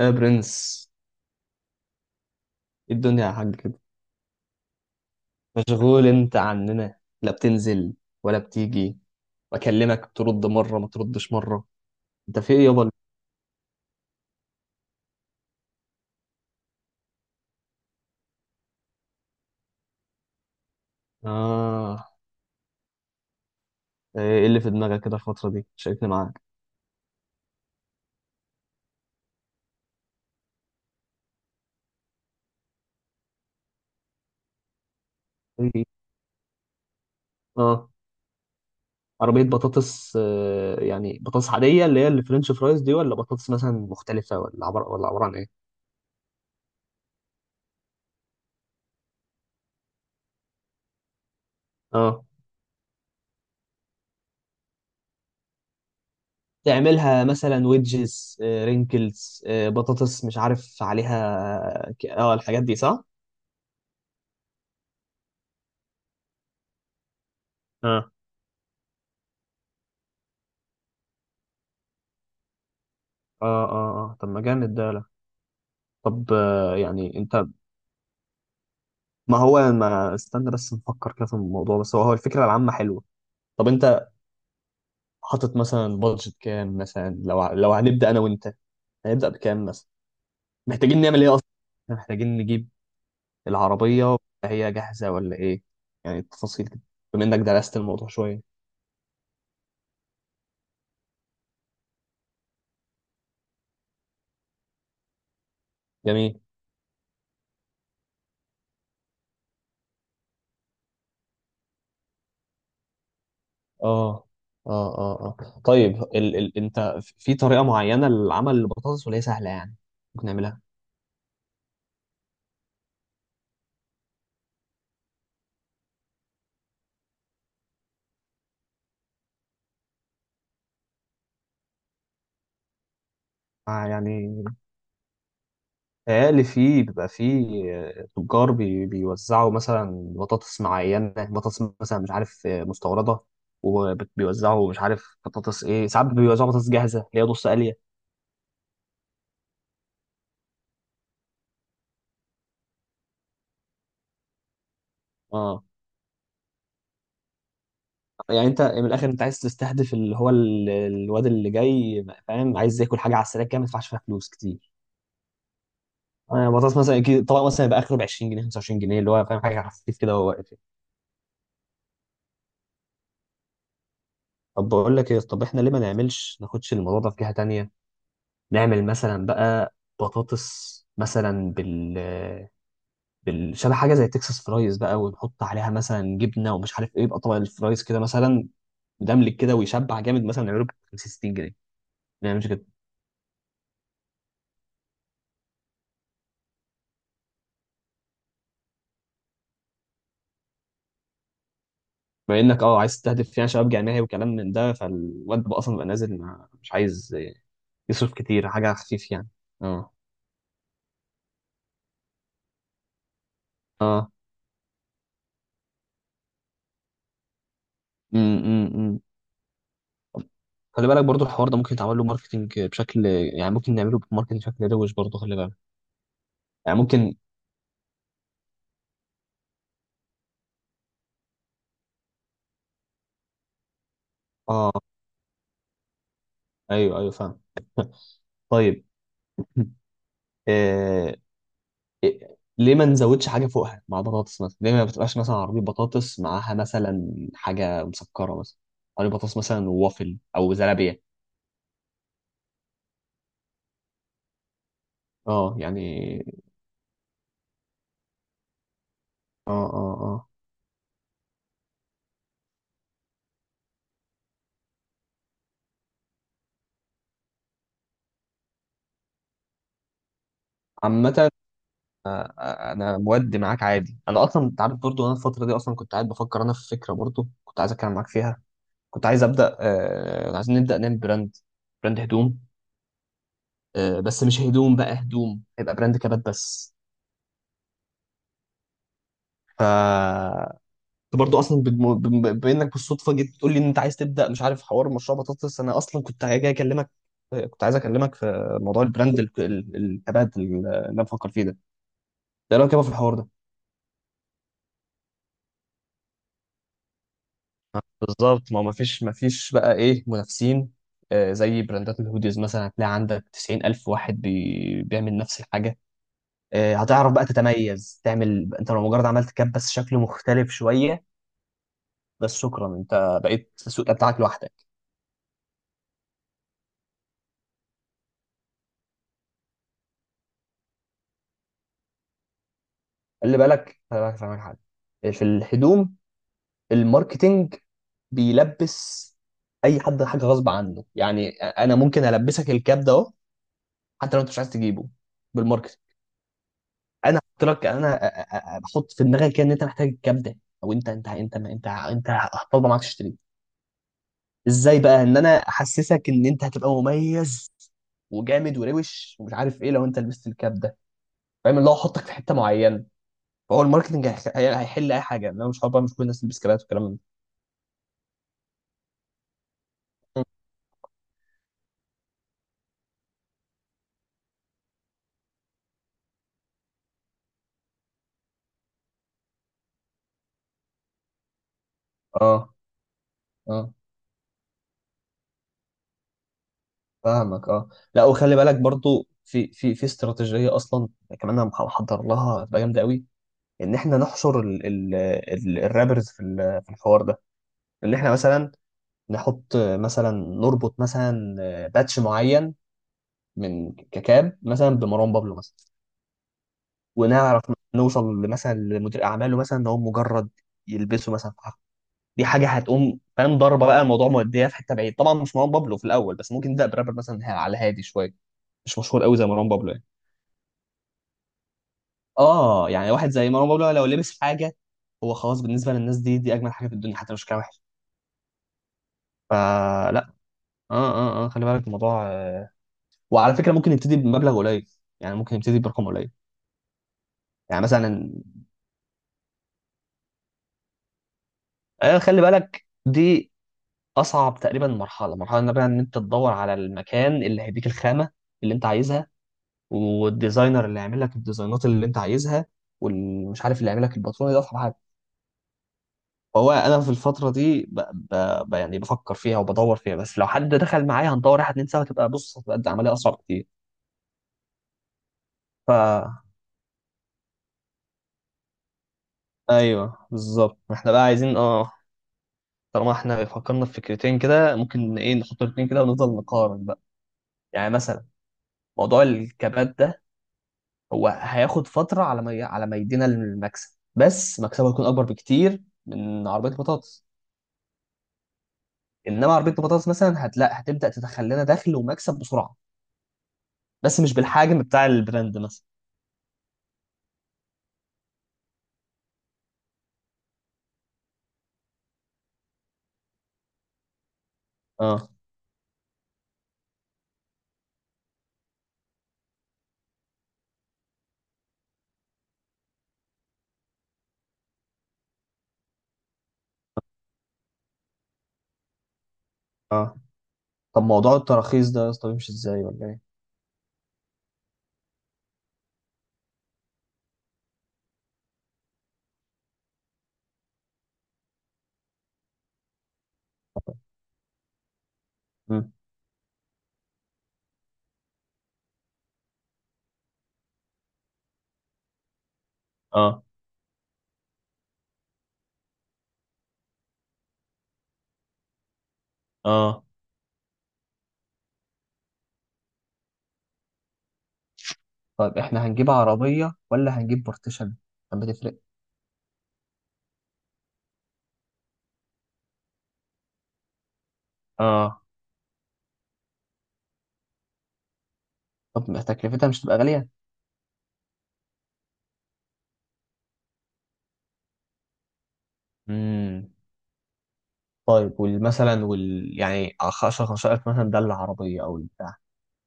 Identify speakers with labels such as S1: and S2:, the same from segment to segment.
S1: يا برنس، إيه الدنيا يا حاج كده؟ مشغول انت عننا، لا بتنزل ولا بتيجي. بكلمك ترد مرة ما تردش مرة. انت في ايه يابا؟ اه. ايه اللي في دماغك كده الفترة دي؟ شاركني معاك. إيه؟ اه. عربية بطاطس يعني بطاطس عادية اللي هي الفرنش فرايز دي، ولا بطاطس مثلا مختلفة، ولا عبارة عن ايه؟ اه، تعملها مثلا ويدجز، رينكلز، بطاطس مش عارف عليها الحاجات دي صح؟ اه اه اه، طب ما جامد ده، لا. طب، يعني انت. ما هو، ما استنى بس نفكر كده في الموضوع، بس هو الفكره العامه حلوه. طب انت، حاطط مثلا بادجت كام مثلا، لو هنبدا انا وانت. هنبدا بكام مثلا؟ محتاجين نعمل ايه اصلا؟ إحنا محتاجين نجيب العربيه، هي جاهزه ولا ايه؟ يعني التفاصيل كده، بما انك درست الموضوع شويه. جميل. اه اه اه اه. طيب، ال ال انت في طريقه معينه للعمل البطاطس ولا هي سهله يعني؟ ممكن نعملها. يعني، قال فيه، بيبقى فيه آه، تجار، بيوزعوا مثلا بطاطس معينة، بطاطس مثلا مش عارف، مستوردة. وبيوزعوا مش عارف بطاطس ايه، ساعات بيوزعوا بطاطس جاهزة اللي هي نص قلية. اه، يعني انت من الاخر، انت عايز تستهدف اللي هو الواد اللي جاي فاهم عايز ياكل حاجة على السريع كده، ما يدفعش فيها فلوس كتير. بطاطس مثلا كده طبق مثلا يبقى اخره ب 20 جنيه 25 جنيه، اللي هو فاهم حاجة خفيف كده وهو واقف. طب بقول لك ايه، طب احنا ليه ما نعملش ناخدش الموضوع ده في جهة تانية. نعمل مثلا بقى بطاطس مثلا، بال شبه حاجه زي تكساس فرايز بقى، ونحط عليها مثلا جبنه ومش عارف ايه، يبقى طبق الفرايز كده مثلا، مدملك كده ويشبع جامد، مثلا نعمله ب 50 60 جنيه. ما نعملش كده؟ بما انك عايز تستهدف يعني شباب جامعي وكلام من ده، فالواد بقى اصلا بقى نازل مش عايز يصرف كتير، حاجه خفيف يعني. اه اه. امم خلي بالك برضو، الحوار ده ممكن يتعمل له ماركتنج بشكل يعني، ممكن نعمله بماركتنج بشكل روش برضو، خلي بالك. يعني ممكن. اه، ايوه ايوه، فاهم. طيب. آه، إيه، ليه ما نزودش حاجه فوقها مع بطاطس مثلا، ليه ما بتبقاش مثلا عربيه بطاطس معاها مثلا حاجه مسكره مثلا؟ عربيه بطاطس مثلا، ووافل او زلابيه. اه يعني. اه اه اه، عامه. انا مودي معاك عادي، انا اصلا انت عارف برضو انا الفتره دي اصلا كنت قاعد بفكر، انا في فكره برضو كنت عايز اتكلم معاك فيها. كنت عايز ابدا، عايزين نبدا نعمل براند. براند هدوم. بس مش هدوم، بقى هدوم هيبقى براند كبات بس. ف، انت برضو اصلا بانك بالصدفه جيت تقول لي ان انت عايز تبدا، مش عارف، حوار مشروع بطاطس، انا اصلا كنت جاي اكلمك. كنت عايز اكلمك في موضوع البراند الكبات اللي انا بفكر فيه ده. ده لو كده في الحوار ده. بالظبط، ما فيش بقى ايه منافسين. زي براندات الهوديز مثلا هتلاقي عندك 90,000 واحد بيعمل نفس الحاجه. هتعرف بقى تتميز، تعمل انت لو مجرد عملت كاب بس شكله مختلف شويه. بس شكرا، انت بقيت السوق ده بتاعك لوحدك. خلي بالك خلي بالك، فاهمك حاجه. في الهدوم، الماركتينج بيلبس اي حد حاجه غصب عنه، يعني انا ممكن البسك الكاب ده اهو، حتى لو انت مش عايز تجيبه. بالماركتينج، انا احط لك، انا بحط في دماغك كده ان انت محتاج الكاب ده، او انت هتفضل معاك تشتريه. ازاي بقى ان انا احسسك ان انت هتبقى مميز وجامد وروش ومش عارف ايه لو انت لبست الكاب ده. فاهم، اللي هو احطك في حته معينه. فهو الماركتنج هيحل اي حاجه، انا مش هقعد بقى مش كل الناس تلبس كابات والكلام ده. اه اه، فاهمك، اه. لا، وخلي بالك برضو، في استراتيجيه اصلا كمان انا محضر لها هتبقى جامده قوي، ان احنا نحشر ال ال ال الرابرز في الحوار ده. ان احنا مثلا نحط مثلا نربط مثلا باتش معين من ككاب مثلا بمروان بابلو مثلا. ونعرف نوصل مثلا لمدير اعماله مثلا ان هو مجرد يلبسه مثلا في حفلة. دي حاجه هتقوم، فاهم ضربه بقى، الموضوع موديه في حته بعيد طبعا، مش مروان بابلو في الاول، بس ممكن نبدا برابر مثلا على هادي شويه، مش مشهور قوي زي مروان بابلو يعني. اه، يعني واحد زي مروان بابلو لو لبس حاجه، هو خلاص بالنسبه للناس دي، دي اجمل حاجه في الدنيا حتى لو شكلها وحش. فلا. اه اه اه، خلي بالك الموضوع. وعلى فكره ممكن يبتدي بمبلغ قليل، يعني ممكن يبتدي برقم قليل. يعني مثلا، خلي بالك، دي اصعب تقريبا مرحله، ان بقى ان انت تدور على المكان اللي هيديك الخامه اللي انت عايزها، والديزاينر اللي هيعمل لك الديزاينات اللي انت عايزها، والمش عارف اللي هيعمل لك الباترون ده. هو انا في الفتره دي يعني بفكر فيها وبدور فيها، بس لو حد دخل معايا هندور واحد اتنين سوا، تبقى بص، هتبقى العمليه اصعب كتير. ف ايوه بالظبط، احنا بقى عايزين طالما احنا فكرنا في فكرتين كده، ممكن ايه نحط الاتنين كده ونفضل نقارن بقى. يعني مثلا، موضوع الكبات ده، هو هياخد فتره على ما يدينا المكسب، بس مكسبه هيكون اكبر بكتير من عربيه البطاطس. انما عربيه البطاطس مثلا هتلاقي هتبدا تدخل لنا دخل ومكسب بسرعه، بس مش بالحجم بتاع البراند مثلا. اه اه، طب موضوع التراخيص ده يا اسطى بيمشي ازاي ولا ايه؟ مم. اه اه، طيب احنا هنجيب عربية ولا هنجيب بارتيشن؟ طب بتفرق؟ اه، طب ما تكلفتها مش تبقى غالية؟ امم طيب، والمثلا وال يعني 10 15 ألف مثلا، ده العربية أو البتاع.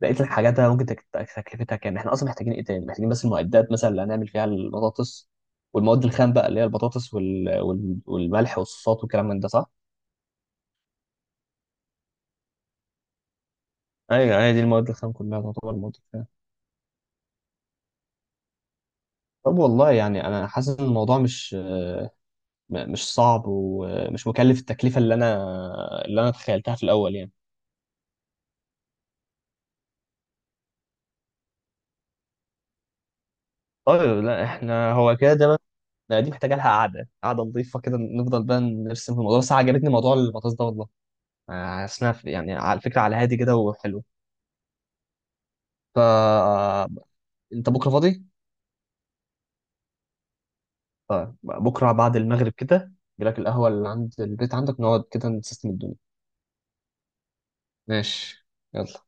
S1: بقية الحاجات، أنا ممكن تكلفتها كام؟ إحنا أصلا محتاجين إيه تاني؟ محتاجين بس المعدات مثلا اللي هنعمل فيها البطاطس، والمواد الخام بقى اللي هي البطاطس والملح والصوصات والكلام من ده صح؟ ايوه، هي دي المواد، الخام كلها تعتبر مواد. طب والله يعني انا حاسس ان الموضوع مش صعب ومش مكلف، التكلفه اللي انا تخيلتها في الاول يعني. طيب لا، احنا هو كده ده بقى، دي محتاجه لها قعده قعده نظيفه كده، نفضل بقى نرسم في الموضوع، بس عجبتني موضوع البطاطس ده والله. حاسس إنها يعني، على فكره على هادي كده وحلو. ف انت بكره فاضي؟ طيب بكره بعد المغرب كده، جيلك القهوه اللي عند البيت عندك، نقعد كده نسيستم الدنيا. ماشي. يلا.